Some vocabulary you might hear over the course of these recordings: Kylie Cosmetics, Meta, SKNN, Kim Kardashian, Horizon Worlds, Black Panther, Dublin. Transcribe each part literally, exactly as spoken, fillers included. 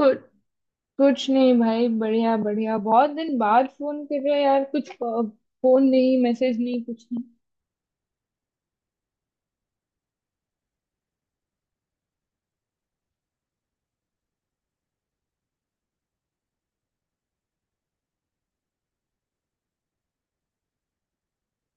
कुछ कुछ नहीं भाई बढ़िया बढ़िया बहुत दिन बाद फोन कर रहे हो यार, कुछ फोन नहीं, मैसेज नहीं, कुछ नहीं।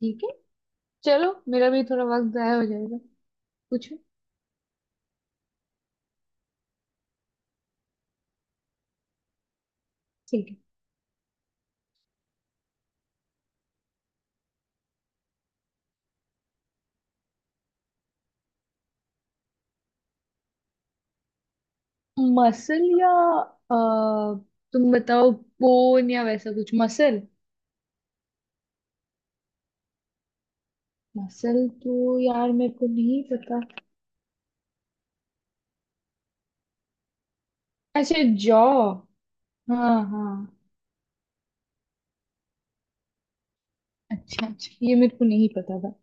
ठीक है, चलो मेरा भी थोड़ा वक्त जाया हो जाएगा। पूछो। ठीक है। मसल या अ, तुम बताओ। बोन या वैसा कुछ। मसल मसल तो यार मेरे को नहीं पता। अच्छा, जॉ। हाँ हाँ। अच्छा अच्छा, ये मेरे को नहीं पता था।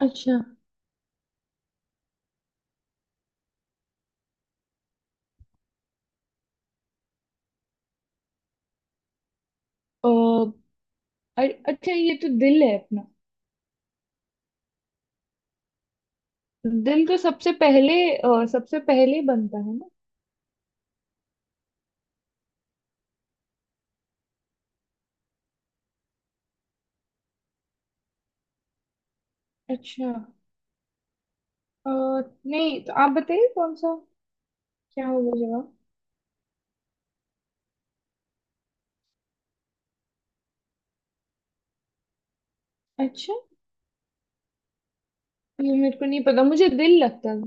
अच्छा। अ, अरे अच्छा, ये तो दिल है अपना। दिल तो सबसे पहले अ, सबसे पहले बनता है ना। अच्छा। अ, नहीं तो आप बताइए, कौन सा? क्या होगा जवाब? अच्छा। ये मेरे को नहीं पता, मुझे दिल लगता है।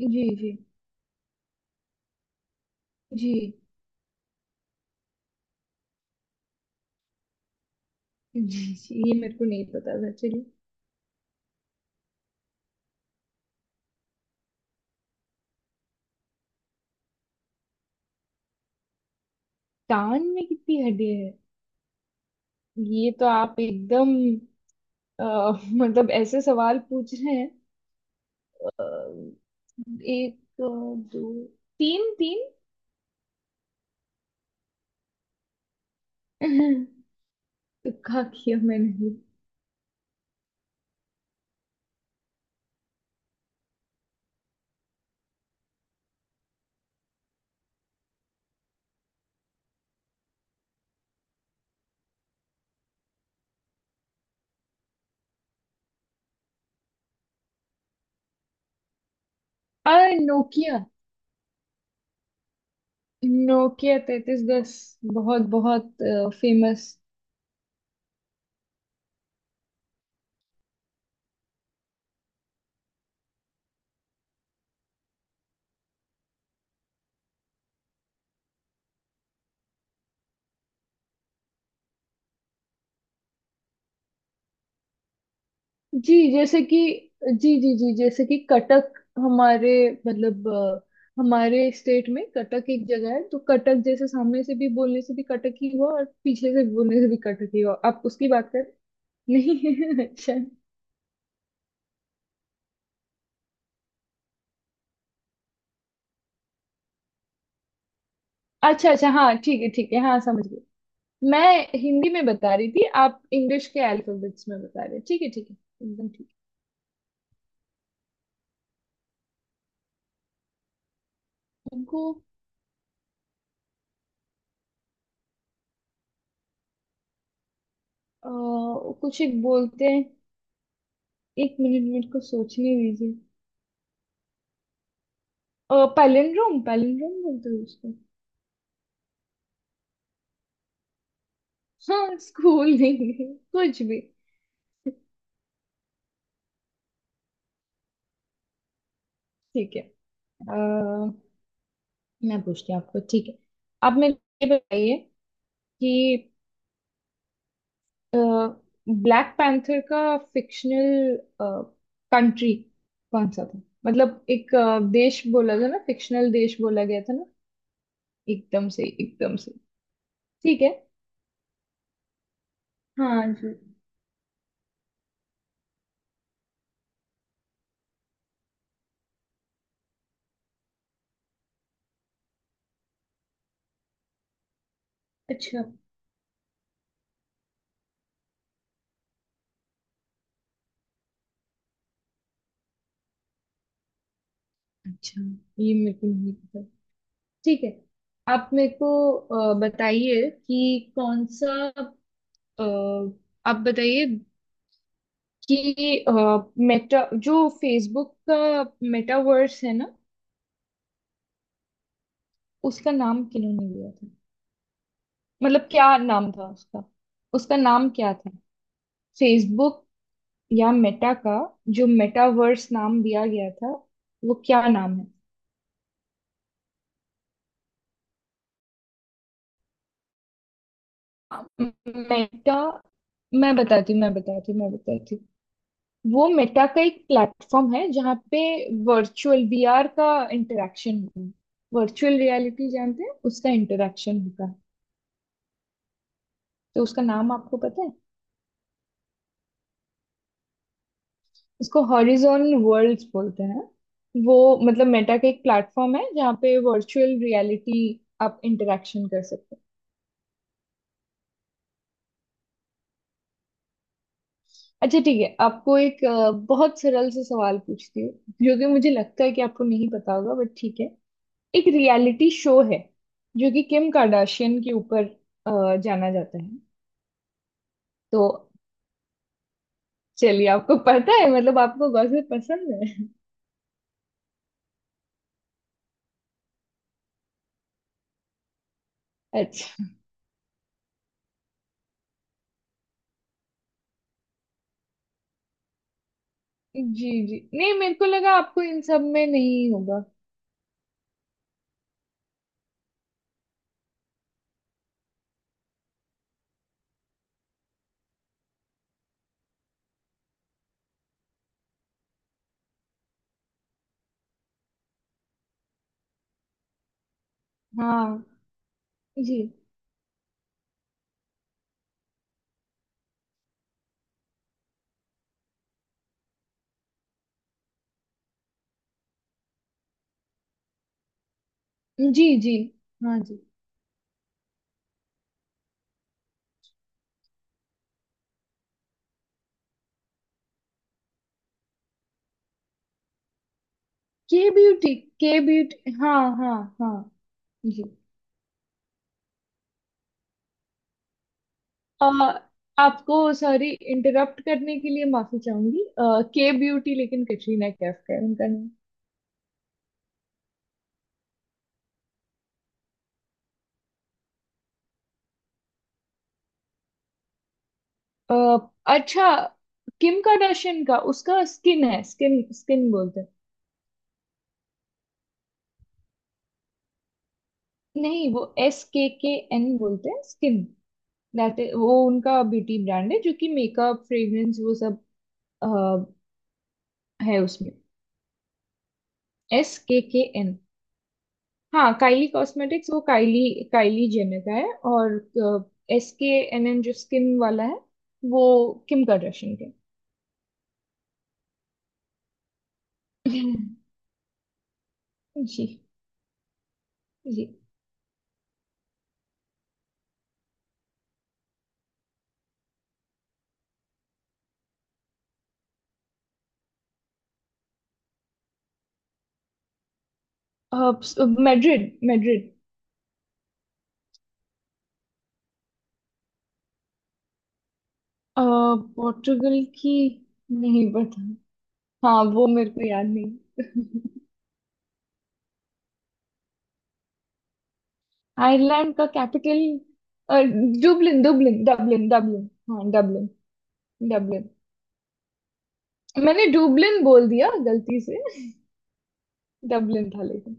जी जी। जी जी, जी, ये मेरे को नहीं पता था, चलिए। कान में कितनी हड्डियां है? ये तो आप एकदम अ, मतलब ऐसे सवाल पूछ रहे हैं। अ, एक। अ, दो। तीन तीन। तो खा किया मैंने भी। अ नोकिया। नोकिया तैतीस दस, बहुत बहुत फेमस। जी जैसे कि जी जी जी जैसे कि कटक। हमारे मतलब अ, हमारे स्टेट में कटक एक जगह है, तो कटक जैसे सामने से भी बोलने से भी कटक ही हुआ और पीछे से बोलने से भी कटक ही हुआ। आप उसकी बात कर। नहीं अच्छा अच्छा। अच्छा, हाँ ठीक है ठीक है, हाँ समझ गई। मैं हिंदी में बता रही थी, आप इंग्लिश के अल्फाबेट्स में बता रहे। ठीक है ठीक है। एकदम ठीक। है उनको। अ, कुछ एक बोलते हैं। एक मिनट मेरे को सोचने दीजिए। अ, पैलिंड्रोम, पैलिंड्रोम बोलते हैं उसको। हाँ, स्कूल नहीं है, कुछ भी। ठीक है। अ, मैं पूछती हूँ आपको, ठीक है। आप मेरे को ये बताइए कि ब्लैक पैंथर का फिक्शनल कंट्री कौन सा था? मतलब एक अ, देश बोला था ना, फिक्शनल देश बोला गया था ना। एकदम से, एकदम से। ठीक है। हाँ जी। अच्छा। अच्छा, ये मेरे को नहीं पता। ठीक है। आप मेरे को अ, बताइए कि कौन सा। अ, आप बताइए कि मेटा जो फेसबुक का, मेटावर्स है ना, उसका नाम किन्होंने लिया था? मतलब क्या नाम था उसका? उसका नाम क्या था? फेसबुक या मेटा का जो मेटावर्स नाम दिया गया था, वो क्या नाम है? मेटा। मैं बताती हूँ मैं बताती हूँ मैं बताती हूँ। वो मेटा का एक प्लेटफॉर्म है जहाँ पे वर्चुअल वी आर का इंटरेक्शन होता है। वर्चुअल रियलिटी जानते हैं, उसका इंटरेक्शन होता है। तो उसका नाम आपको पता है? उसको हॉरिजॉन वर्ल्ड्स बोलते हैं। वो मतलब मेटा का एक प्लेटफॉर्म है जहाँ पे वर्चुअल रियलिटी आप इंटरेक्शन कर सकते हैं। अच्छा ठीक है, आपको एक अ, बहुत सरल से सवाल पूछती हूँ जो कि मुझे लगता है कि आपको नहीं पता होगा, बट ठीक है। एक रियलिटी शो है जो कि किम कार्दाशियन के ऊपर अ, जाना जाता है। तो चलिए आपको पता है, मतलब आपको गॉसिप पसंद है। अच्छा। जी जी, नहीं मेरे को लगा आपको इन सब में नहीं होगा। हाँ। जी जी जी। हाँ जी। K beauty. के ब्यूटी, हाँ हाँ। हाँ। जी। अ, आपको सॉरी, इंटरप्ट करने के लिए माफी चाहूंगी। के ब्यूटी लेकिन कटरीना कैफ है उनका। अ, अच्छा। किम कार्दाशियन का उसका स्किन है, स्किन स्किन बोलते हैं। नहीं, वो एस के के एन बोलते हैं, स्किन। दैट वो उनका ब्यूटी ब्रांड है जो कि मेकअप, फ्रेग्रेंस वो सब अ, है उसमें। S K K N. हाँ काइली कॉस्मेटिक्स, वो काइली, काइली जेनर का है। और एस के एन एन जो स्किन वाला है, वो किम कार्दाशियन का है। जी जी। Madrid Madrid. अ, पोर्टुगल की नहीं पता। हाँ वो मेरे को याद नहीं। आयरलैंड का capital. Dublin Dublin Dublin Dublin, हाँ डबलिन। डबलिन, मैंने डुबलिन बोल दिया गलती से। डबलिन था लेकिन।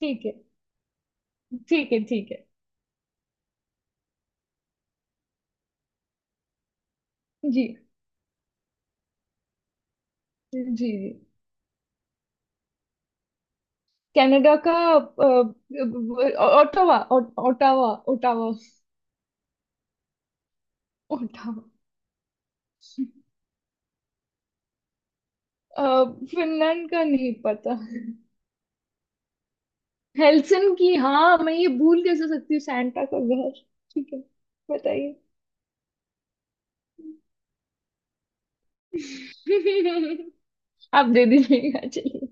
ठीक है ठीक है ठीक है। जी जी जी। कनाडा का Ottawa Ottawa Ottawa Ottawa. Finland का नहीं पता। हेल्सन की, हाँ मैं ये भूल कैसे सकती हूँ, सैंटा का घर। ठीक है। बताइए। आप दे दीजिएगा, चलिए।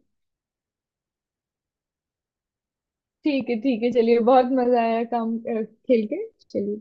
ठीक है ठीक है, चलिए बहुत मजा आया, काम अ, खेल के, चलिए।